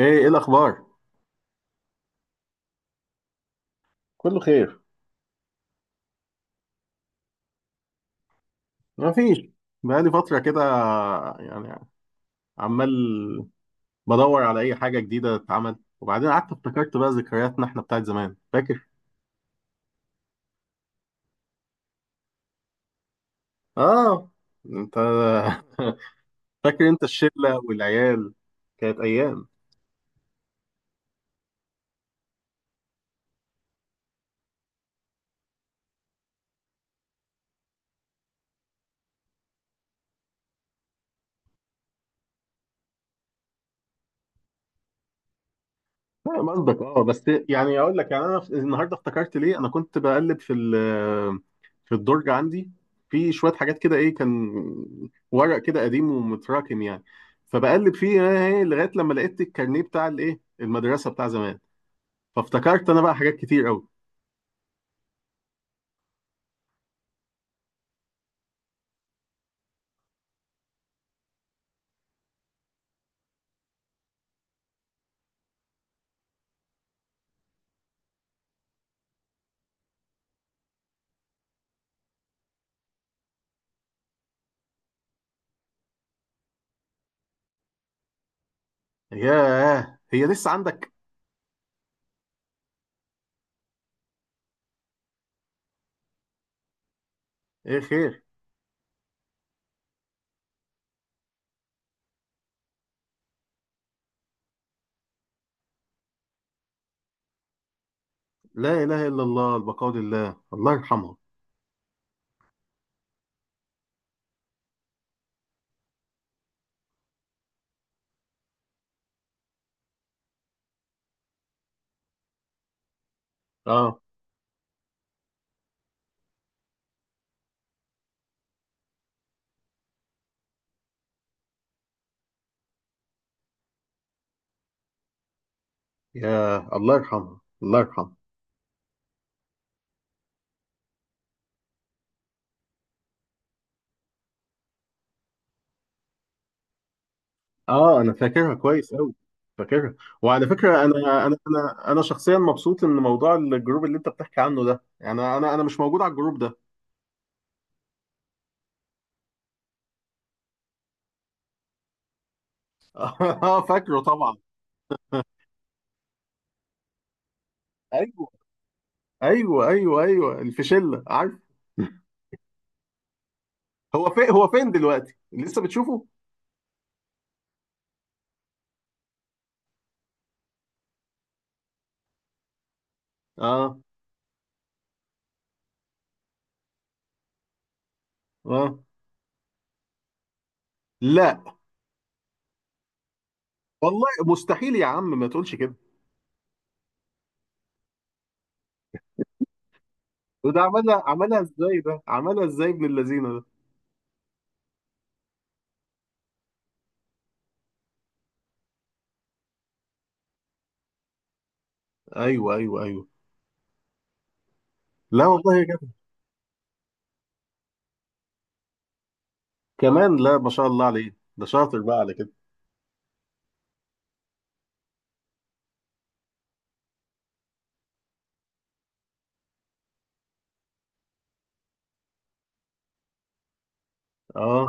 ايه ايه الاخبار؟ كله خير. ما فيش، بقالي فتره كده يعني، عمال بدور على اي حاجه جديده تتعمل. وبعدين قعدت افتكرت بقى ذكرياتنا احنا بتاعت زمان، فاكر؟ اه انت. فاكر انت الشله والعيال؟ كانت ايام. فاهم قصدك. اه، بس يعني اقول لك، يعني انا النهارده افتكرت ليه. انا كنت بقلب في في الدرج عندي، في شويه حاجات كده، ايه كان ورق كده قديم ومتراكم يعني. فبقلب فيه، لغايه لما لقيت الكارنيه بتاع المدرسه بتاع زمان. فافتكرت انا بقى حاجات كتير قوي. ياه، هي لسه عندك؟ ايه، خير؟ لا اله الا الله، البقاء لله، الله يرحمها. اه، يا الله يرحمها، الله يرحمها. اه، انا فاكرها كويس قوي، فاكرها. وعلى فكره، انا شخصيا مبسوط ان موضوع الجروب اللي انت بتحكي عنه ده، يعني انا مش موجود على الجروب ده. اه، فاكره طبعا. ايوه ايوه ايوه ايوه، الفشله، عارف. هو فين؟ دلوقتي لسه بتشوفه؟ اه اه. لا والله، مستحيل يا عم، ما تقولش كده. وده عملها، عملها ازاي ده عملها ازاي؟ ابن اللذينه ده! ايوه ايوه ايوه. لا والله يا جدع. كمان؟ لا، ما شاء الله عليه، ده شاطر بقى على كده. اه،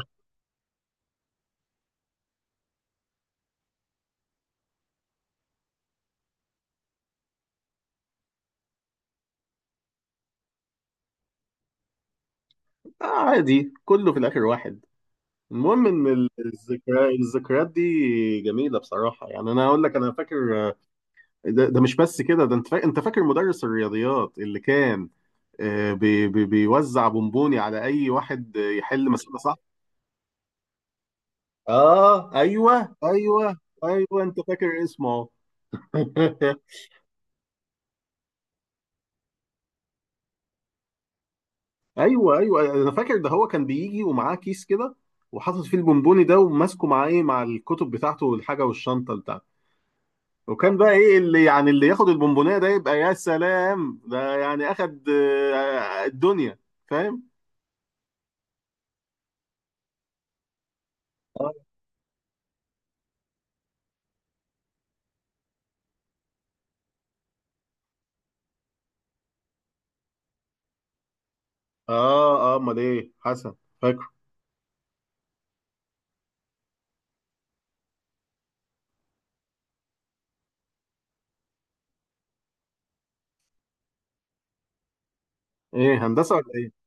آه عادي، كله في الآخر واحد. المهم إن الذكريات دي جميلة بصراحة، يعني أنا أقول لك أنا فاكر، ده مش بس كده، ده أنت فاكر مدرس الرياضيات اللي كان بي بي بيوزع بونبوني على أي واحد، يحل مسألة، صح؟ آه أيوه أيوه. أيوه، أنت فاكر اسمه؟ أيوه أيوه، أنا فاكر. ده هو كان بيجي ومعاه كيس كده، وحاطط فيه البونبوني ده، وماسكه معاه مع الكتب بتاعته والحاجة والشنطة بتاعته. وكان بقى ايه، اللي يعني اللي ياخد البونبونية ده يبقى يا سلام، ده يعني اخد الدنيا، فاهم. اه اه، امال ايه حسن، فاكره. ايه، هندسة ولا ايه؟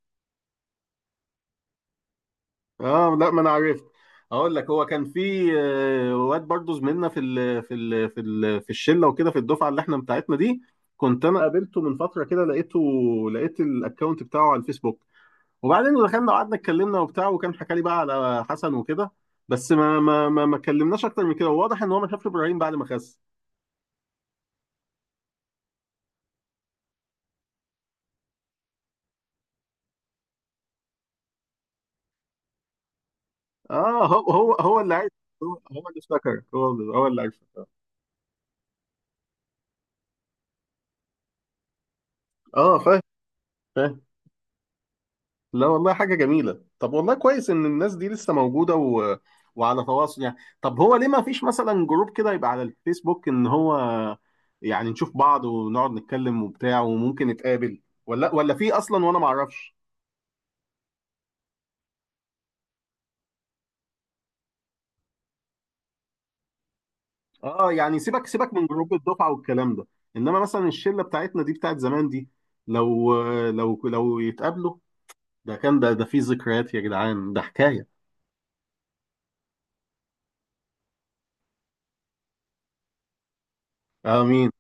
اه، لا، ما انا عرفت. اقول لك، هو كان في واد برضه زميلنا في الشله وكده، في الدفعه اللي احنا بتاعتنا دي. كنت انا قابلته من فتره كده، لقيت الاكونت بتاعه على الفيسبوك. وبعدين دخلنا وقعدنا اتكلمنا وبتاع، وكان حكى لي بقى على حسن وكده. بس ما اتكلمناش اكتر من كده، وواضح ان هو ما شافش ابراهيم بعد ما خس. اه، هو اللي عارف. هو هو اللي افتكر هو اللي هو اللي عارف. اه، فاهم، فاهم. لا والله، حاجه جميله. طب والله كويس ان الناس دي لسه موجوده وعلى تواصل يعني. طب هو ليه ما فيش مثلا جروب كده يبقى على الفيسبوك ان هو، يعني نشوف بعض ونقعد نتكلم وبتاع، وممكن نتقابل، ولا في اصلا وانا ما اعرفش؟ اه، يعني سيبك سيبك من جروب الدفعه والكلام ده، انما مثلا الشله بتاعتنا دي بتاعت زمان دي، لو يتقابلوا، ده كان، ده في ذكريات يا جدعان، ده حكايه. امين.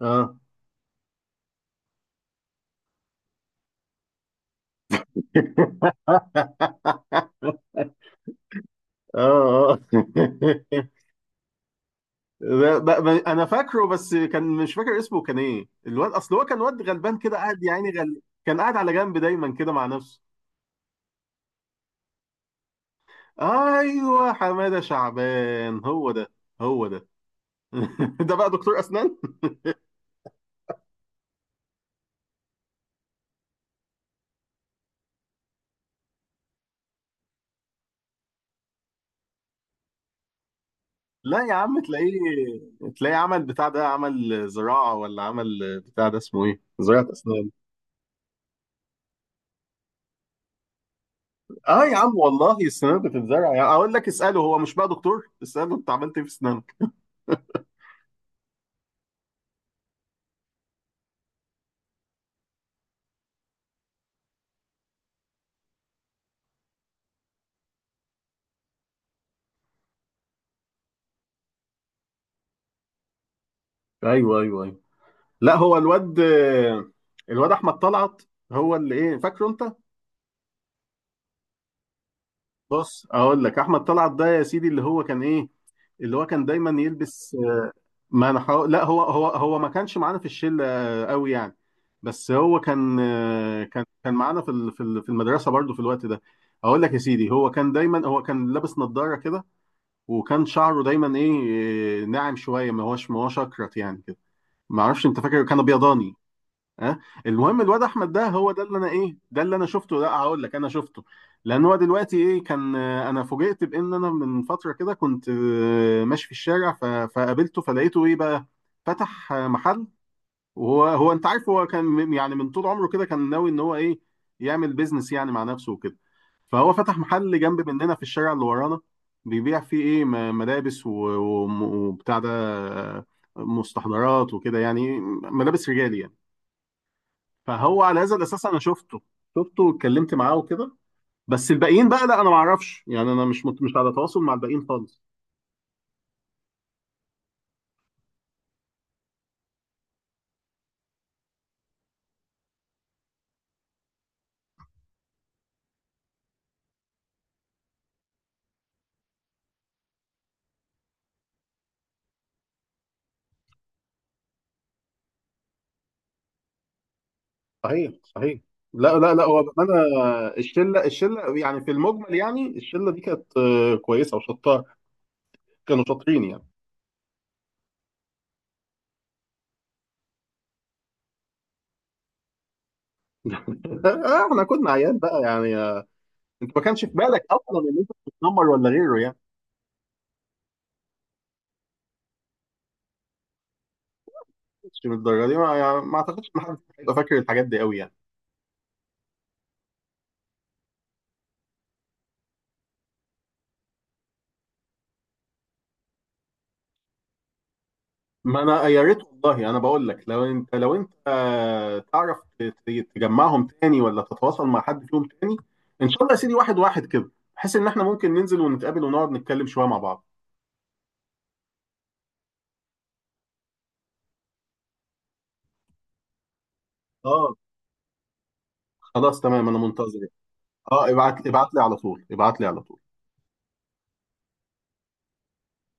اه، اه اه. انا فاكره، بس كان مش فاكر اسمه. كان ايه الواد، اصل هو كان واد غلبان كده قاعد يعني، كان قاعد على جنب دايما كده مع نفسه. ايوه، حماده شعبان، هو ده هو ده. ده بقى دكتور اسنان. لا يا عم، تلاقيه، عمل بتاع ده، عمل زراعة، ولا عمل بتاع ده اسمه ايه؟ زراعة اسنان. اه يا عم، والله السنان بتتزرع، يعني اقول لك اساله، هو مش بقى دكتور؟ اساله انت عملت ايه في اسنانك؟ ايوه ايوه ايوه. لا، هو الواد احمد طلعت، هو اللي ايه، فاكره انت؟ بص اقول لك، احمد طلعت ده يا سيدي، اللي هو كان ايه؟ اللي هو كان دايما يلبس. ما انا حاول، لا، هو ما كانش معانا في الشله قوي يعني. بس هو كان معانا في المدرسه برضو في الوقت ده. اقول لك يا سيدي، هو كان دايما، هو كان لابس نظاره كده. وكان شعره دايما ايه، ناعم شويه، ما هوش اكرت يعني كده. ما اعرفش، انت فاكر؟ كان ابيضاني. ها، المهم الواد احمد ده، هو ده اللي انا ايه، ده اللي انا شفته. لا، هقول لك، انا شفته، لان هو دلوقتي ايه، كان، انا فوجئت بان انا من فتره كده كنت ماشي في الشارع، فقابلته، فلقيته ايه بقى، فتح محل. وهو انت عارف، هو كان يعني من طول عمره كده كان ناوي ان هو ايه، يعمل بيزنس يعني مع نفسه وكده. فهو فتح محل جنب مننا في الشارع اللي ورانا، بيبيع فيه ايه، ملابس وبتاع ده، مستحضرات وكده، يعني ملابس رجالي يعني. فهو على هذا الاساس انا شفته، واتكلمت معاه وكده. بس الباقيين بقى لا، انا ما اعرفش يعني، انا مش على تواصل مع الباقيين خالص. صحيح صحيح. لا لا لا، هو انا، الشله يعني في المجمل، يعني الشله دي كانت كويسه وشطار، كانوا شاطرين يعني. احنا كنا عيال بقى يعني، انت ما كانش في بالك اصلا ان انت بتتنمر ولا غيره يعني. مش من الدرجه دي، ما, يعني ما اعتقدش ان حد هيبقى فاكر الحاجات دي قوي يعني. ما انا يا ريت والله، انا بقول لك، لو انت تعرف تجمعهم تاني، ولا تتواصل مع حد فيهم تاني. ان شاء الله يا سيدي، واحد واحد كده، بحيث ان احنا ممكن ننزل ونتقابل ونقعد نتكلم شويه مع بعض. اه خلاص، تمام، انا منتظرك. اه، ابعت، ابعت لي على طول، ابعت لي على طول.